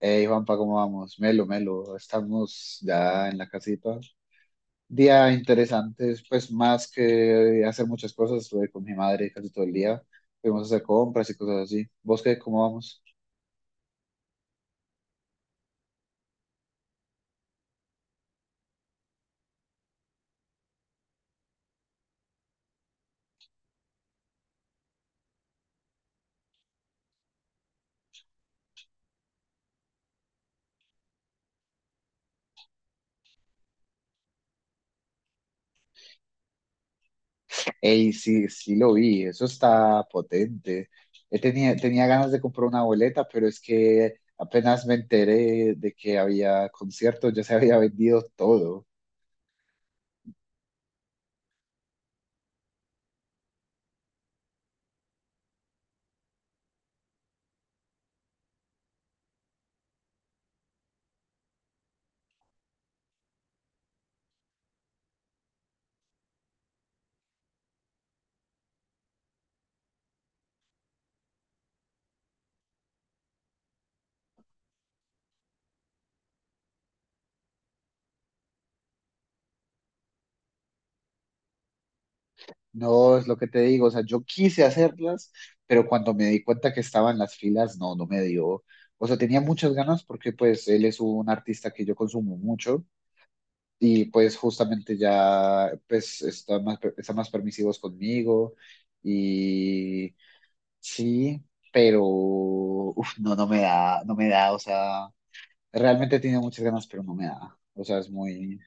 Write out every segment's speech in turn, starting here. Hey Juanpa, ¿cómo vamos? Melo, Melo, estamos ya en la casita. Día interesante, pues más que hacer muchas cosas, estuve con mi madre casi todo el día, fuimos a hacer compras y cosas así. ¿Vos qué, cómo vamos? Hey, sí, sí lo vi, eso está potente. Tenía ganas de comprar una boleta, pero es que apenas me enteré de que había conciertos, ya se había vendido todo. No, es lo que te digo, o sea, yo quise hacerlas, pero cuando me di cuenta que estaban las filas, no me dio. O sea, tenía muchas ganas porque pues él es un artista que yo consumo mucho y pues justamente ya pues está más permisivos conmigo y sí, pero uf, no me da, no me da, o sea, realmente tenía muchas ganas, pero no me da. O sea, es muy.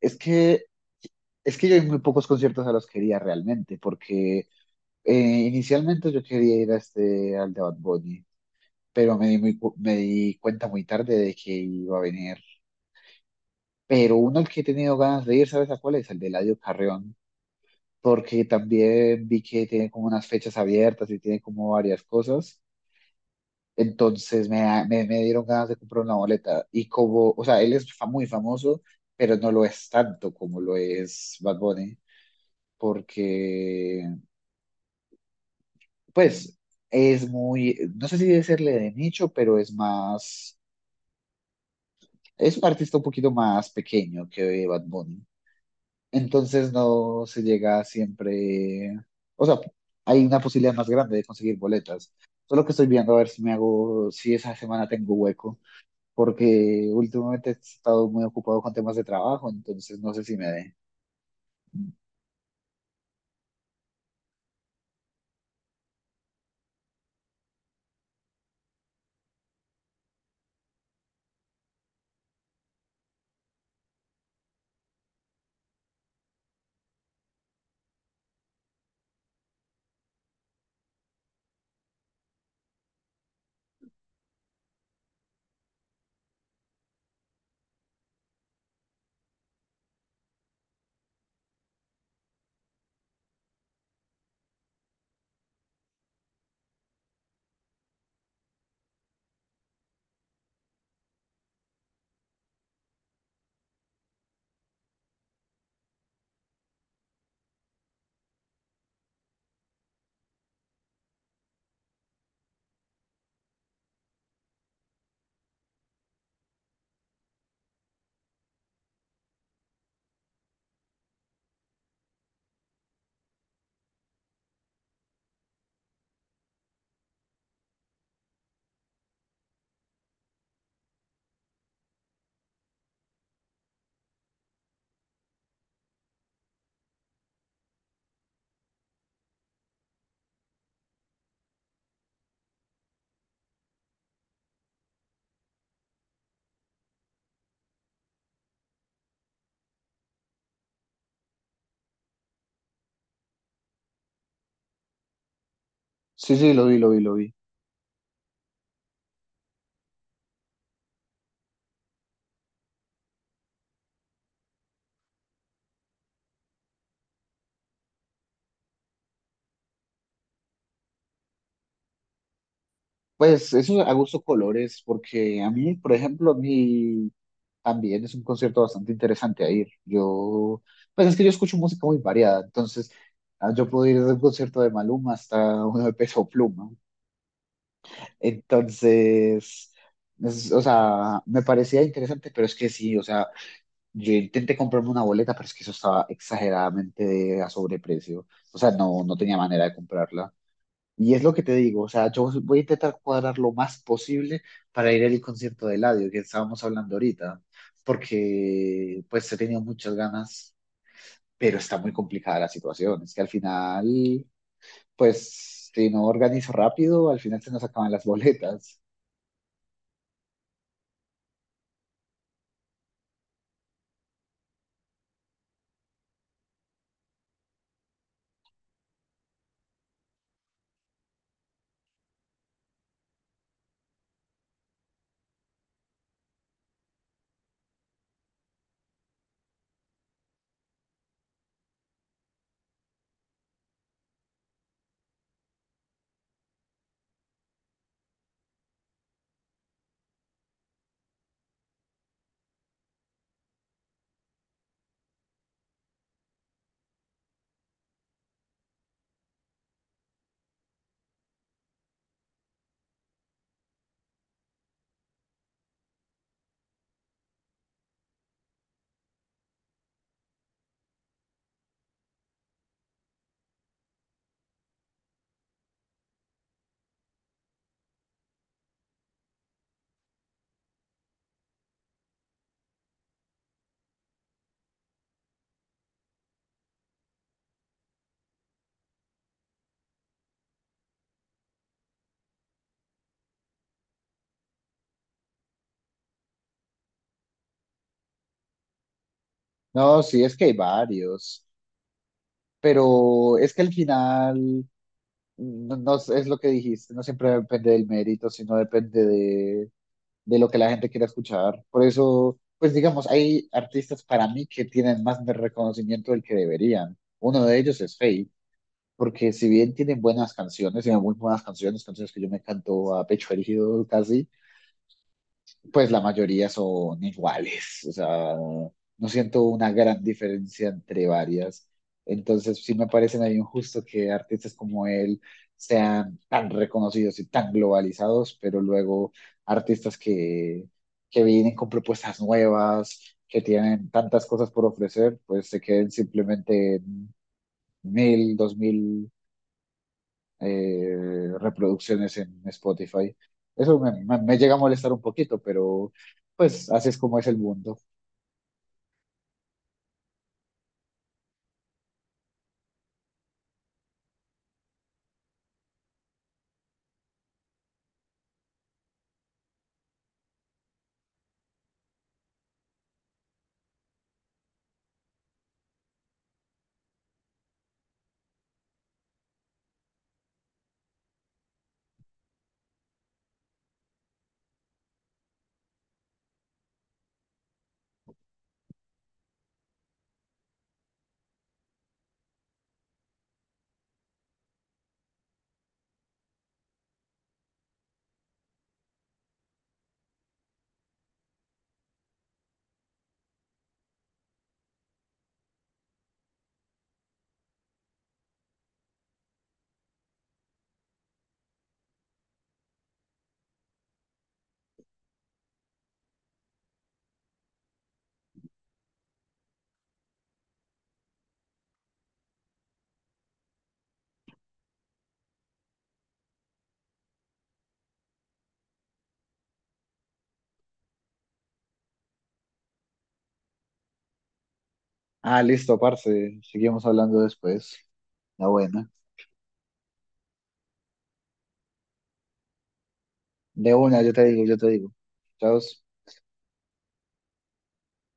Es que, es que yo hay muy pocos conciertos a los que iría realmente, porque inicialmente yo quería ir a este, al de Bad Bunny, pero me di cuenta muy tarde de que iba a venir. Pero uno al que he tenido ganas de ir, ¿sabes a cuál es? El de Eladio Carrión, porque también vi que tiene como unas fechas abiertas y tiene como varias cosas. Entonces me dieron ganas de comprar una boleta. Y como, o sea, muy famoso, pero no lo es tanto como lo es Bad Bunny, porque, pues, es muy, no sé si decirle de nicho, pero es más, es un artista un poquito más pequeño que Bad Bunny. Entonces no se llega siempre, o sea, hay una posibilidad más grande de conseguir boletas. Solo que estoy viendo a ver si me hago, si esa semana tengo hueco, porque últimamente he estado muy ocupado con temas de trabajo, entonces no sé si me dé. Sí, sí, lo vi, lo vi, lo vi. Pues eso a gusto colores, porque a mí, por ejemplo, mi también es un concierto bastante interesante a ir. Yo, pues es que yo escucho música muy variada, entonces ah, yo puedo ir desde un concierto de Maluma hasta uno de Peso Pluma. Entonces, es- o sea, me parecía interesante, pero es que sí, o sea, yo intenté comprarme una boleta, pero es que eso estaba exageradamente a sobreprecio. O sea, no tenía manera de comprarla. Y es lo que te digo, o sea, yo voy a intentar cuadrar lo más posible para ir al concierto de Eladio, que estábamos hablando ahorita, porque pues he tenido muchas ganas, pero está muy complicada la situación. Es que al final, pues si no organizo rápido, al final se nos acaban las boletas. No, sí, es que hay varios, pero es que al final no, no es lo que dijiste, no siempre depende del mérito, sino depende de lo que la gente quiere escuchar. Por eso, pues digamos, hay artistas para mí que tienen más de reconocimiento del que deberían. Uno de ellos es Faye, porque si bien tienen buenas canciones, tienen muy buenas canciones, canciones que yo me canto a pecho erigido casi, pues la mayoría son iguales, o sea, no siento una gran diferencia entre varias. Entonces, sí me parece medio injusto que artistas como él sean tan reconocidos y tan globalizados, pero luego artistas que vienen con propuestas nuevas, que tienen tantas cosas por ofrecer, pues se queden simplemente en 1.000, 2.000 reproducciones en Spotify. Me llega a molestar un poquito, pero pues así es como es el mundo. Ah, listo, parce. Seguimos hablando después. La buena. De una, yo te digo, yo te digo. Chao.